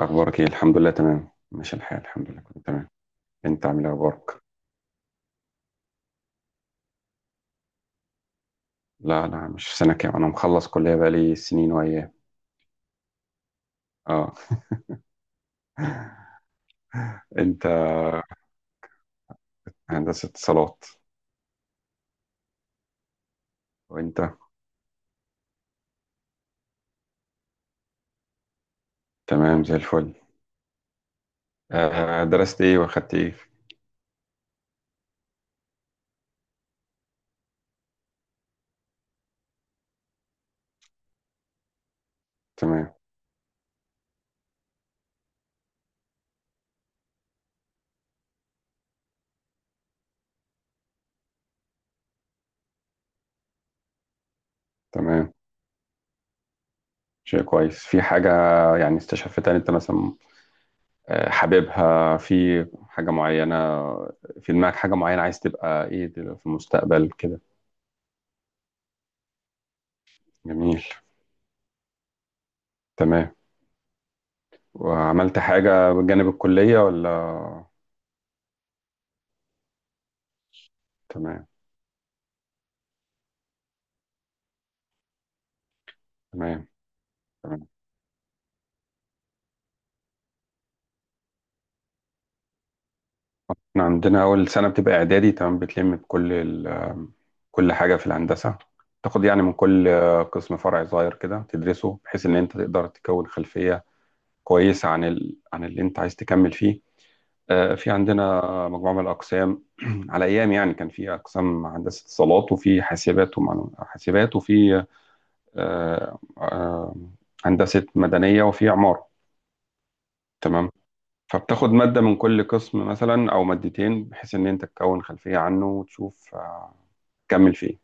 أخبارك إيه؟ الحمد لله، تمام ماشي الحال، الحمد لله كله تمام. أنت عامل إيه، أخبارك؟ لا، لا، مش في سنة كام، أنا مخلص كلية بقالي سنين وأيام. أه. أنت؟ هندسة اتصالات. وأنت؟ تمام، زي الفل. درست إيه وأخدت إيه؟ تمام. تمام. شيء كويس في حاجة، يعني استشفتها أنت مثلا؟ حاببها في حاجة معينة؟ في دماغك حاجة معينة عايز تبقى إيه في المستقبل كده؟ جميل. تمام. وعملت حاجة بجانب الكلية ولا؟ تمام. تمام. تمام. احنا عندنا اول سنه بتبقى اعدادي، تمام، بتلم بكل كل حاجه في الهندسه، تاخد يعني من كل قسم فرع صغير كده تدرسه بحيث ان انت تقدر تكون خلفيه كويسه عن اللي انت عايز تكمل فيه. في عندنا مجموعه من الاقسام. على ايام، يعني كان في اقسام هندسه اتصالات، وفي حاسبات وفي آه، آه، هندسه مدنيه، وفي عماره. تمام. فبتاخد مادة من كل قسم مثلا أو مادتين بحيث إن أنت تكون خلفية عنه وتشوف تكمل فيه.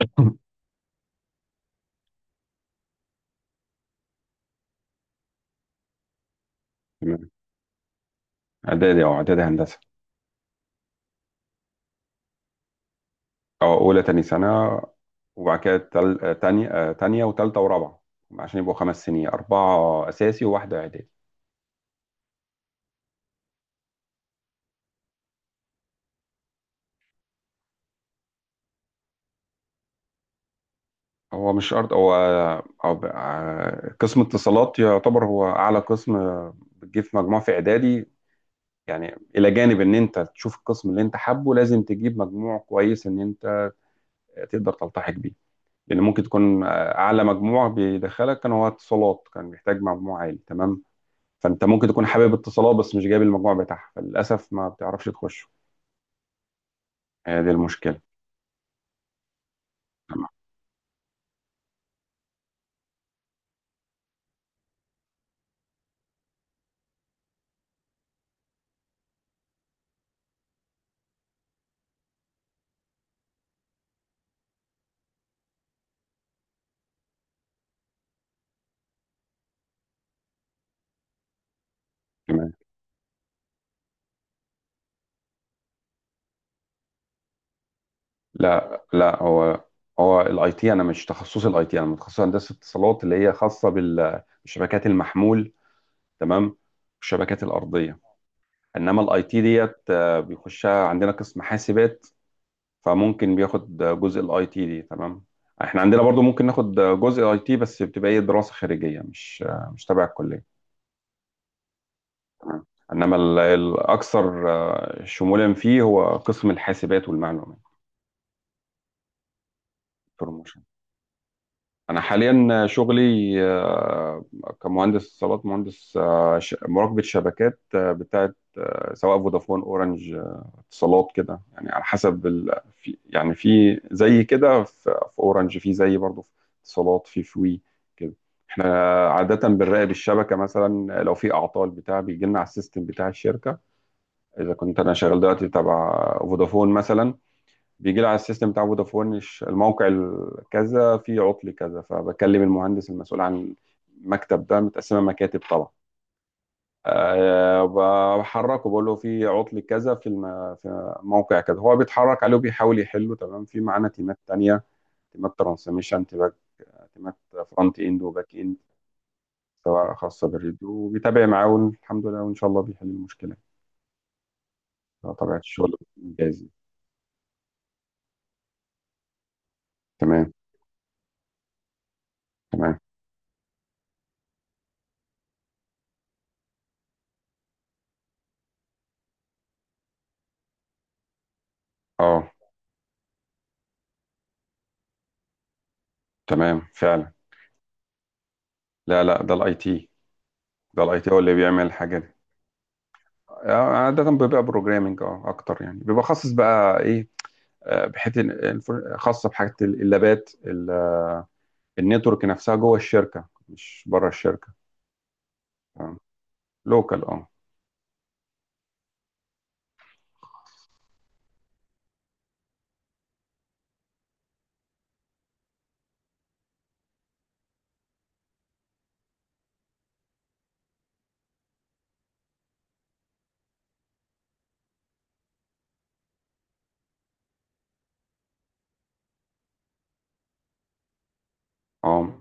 تمام. إعدادي، أو إعدادي هندسة. أو أولى، تاني سنة، وبعد كده تل... آه، تانية وتالتة ورابعة، عشان يبقوا 5 سنين، أربعة أساسي وواحدة إعدادي. هو مش شرط، هو هو ب- آه، قسم اتصالات يعتبر هو أعلى قسم بتجيب مجموع في إعدادي. يعني إلى جانب إن أنت تشوف القسم اللي أنت حابه، لازم تجيب مجموع كويس إن أنت تقدر تلتحق بيه. لان ممكن تكون اعلى مجموع بيدخلك كان هو اتصالات، كان بيحتاج مجموع عالي. تمام. فانت ممكن تكون حابب اتصالات، بس مش جايب المجموع بتاعها، فللاسف ما بتعرفش تخشه. هي دي المشكله. تمام. تمام. لا، لا، هو، هو الاي تي، انا مش تخصصي الاي تي، انا متخصص هندسه اتصالات، اللي هي خاصه بالشبكات المحمول، تمام، والشبكات الارضيه. انما الاي تي ديت بيخشها عندنا قسم حاسبات، فممكن بياخد جزء الاي تي دي. تمام. احنا عندنا برضو ممكن ناخد جزء اي تي بس بتبقى ايه دراسة خارجية، مش تبع الكلية. تمام. انما الاكثر شمولا فيه هو قسم الحاسبات والمعلومات. بروموشن. انا حاليا شغلي آه، كمهندس اتصالات، مهندس مراقبة شبكات بتاعت سواء فودافون، اورنج، اتصالات، كده يعني، على حسب في، يعني في زي كده في اورنج، في زي برضه في اتصالات، في فوي كده. احنا عادة بنراقب الشبكة مثلا، لو في اعطال بتاع بيجي لنا على السيستم بتاع الشركة. اذا كنت انا شغال دلوقتي تبع فودافون مثلا، بيجي لي على السيستم بتاع فودافون الموقع كذا في عطل كذا، فبكلم المهندس المسؤول عن المكتب ده، متقسمة مكاتب طبعا. بحركه بقول له في عطل كذا في موقع كذا، هو بيتحرك عليه وبيحاول يحله. تمام. في معانا تيمات تانية، تيمات ترانسميشن، تيمات فرونت اند وباك اند، سواء خاصة بالريديو، وبيتابع معاه الحمد لله وإن شاء الله بيحل المشكلة. ده طبيعة الشغل جاهز. تمام. تمام. اه، تمام، فعلا. لا، لا، ده الاي تي، ده الاي تي هو اللي بيعمل الحاجة دي. عادة بيبقى بروجرامنج اه اكتر، يعني بيبقى خاص بقى ايه، بحته خاصه بحاجه اللابات، النتورك نفسها جوه الشركة مش بره الشركة. لوكال، اه. اه،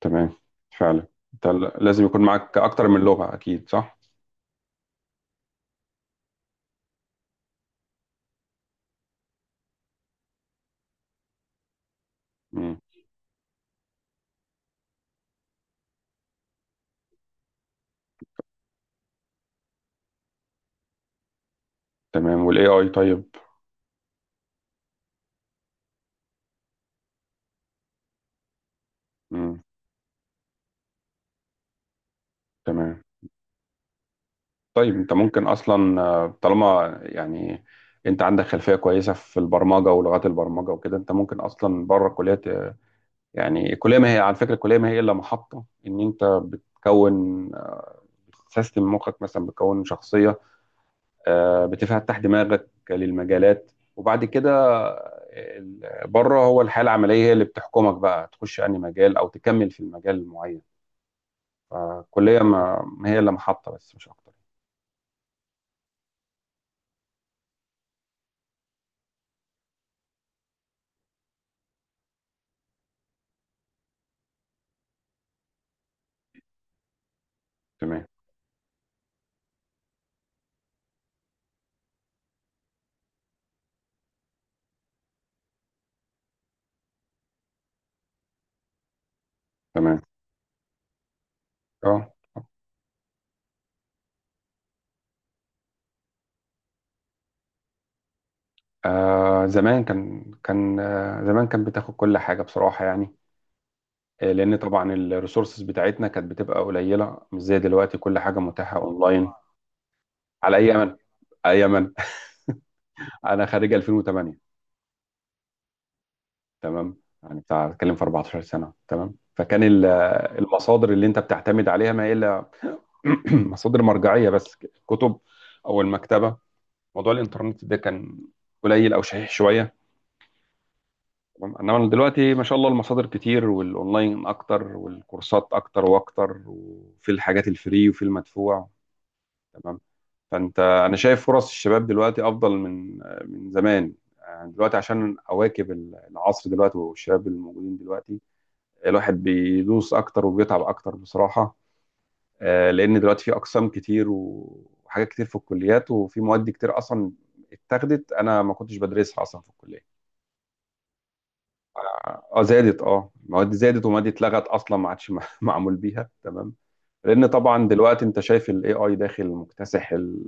تمام، فعلا. انت لازم يكون معاك اكتر من لغة، اكيد صح. مم. تمام، والاي اي طيب. مم. تمام. طيب انت ممكن اصلا طالما يعني انت عندك خلفية كويسة في البرمجة ولغات البرمجة وكده، انت ممكن اصلا بره الكلية يعني الكلية، ما هي على فكرة الكلية ما هي الا محطة ان انت بتكون سيستم مخك، مثلا بتكون شخصية، بتفتح دماغك للمجالات، وبعد كده بره، هو الحياه العمليه هي اللي بتحكمك بقى، تخش انهي مجال او تكمل في المجال المعين. الكليه ما هي الا محطه، بس مش اكتر. تمام. تمام. اه. آه زمان كان بتاخد كل حاجة بصراحة، يعني آه، لأن طبعا الريسورسز بتاعتنا كانت بتبقى قليلة مش زي دلوقتي كل حاجة متاحة أونلاين. على أي أمل، أي أمل. أنا خريج 2008. تمام. يعني بتاع بتكلم في 14 سنه، تمام، فكان المصادر اللي انت بتعتمد عليها ما الا مصادر مرجعيه بس، كتب او المكتبه. موضوع الانترنت ده كان قليل او شحيح شويه. تمام. انما دلوقتي ما شاء الله المصادر كتير، والاونلاين اكتر، والكورسات اكتر واكتر، وفي الحاجات الفري وفي المدفوع. تمام. انا شايف فرص الشباب دلوقتي افضل من زمان. يعني دلوقتي عشان اواكب العصر دلوقتي، والشباب الموجودين دلوقتي، الواحد بيدوس اكتر وبيتعب اكتر بصراحه. لان دلوقتي في اقسام كتير وحاجات كتير في الكليات، وفي مواد كتير اصلا اتاخدت انا ما كنتش بدرسها اصلا في الكليه. اه. زادت، اه، مواد زادت، ومواد اتلغت اصلا ما عادش معمول بيها. تمام. لان طبعا دلوقتي انت شايف الاي اي داخل مكتسح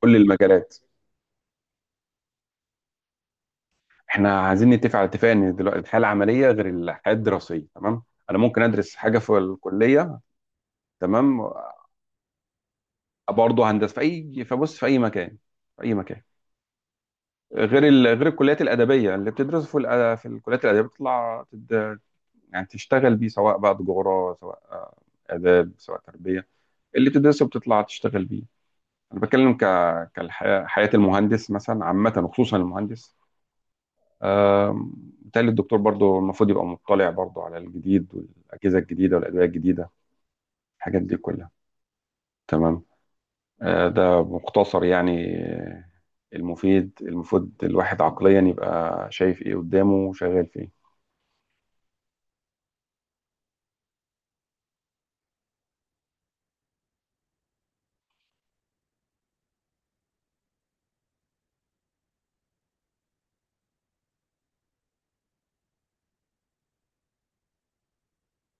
كل المجالات. احنا عايزين نتفق على اتفاق ان دلوقتي الحياه العمليه غير الحياه الدراسيه. تمام. انا ممكن ادرس حاجه في الكليه، تمام، برضه هندسه، في اي فبص، في اي مكان، في اي مكان، غير الكليات الادبيه، اللي بتدرسه في الكليات الادبيه بتطلع يعني تشتغل بيه، سواء بقى تجاره، سواء اداب، سواء تربيه، اللي بتدرسه بتطلع تشتغل بيه. انا بتكلم حياه المهندس مثلا عامه، وخصوصا المهندس، آم، بالتالي الدكتور برضه المفروض يبقى مطلع برضه على الجديد، والاجهزه الجديده، والادويه الجديده، الحاجات دي كلها. تمام. ده مختصر يعني المفيد، المفروض الواحد عقليا يبقى شايف ايه قدامه وشغال فيه.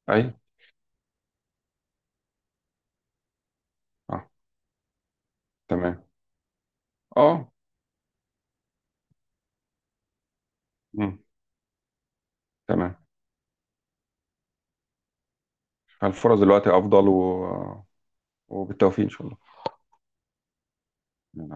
ايوه. اه، تمام، اه. مم. تمام، الفرص دلوقتي افضل و... وبالتوفيق ان شاء الله.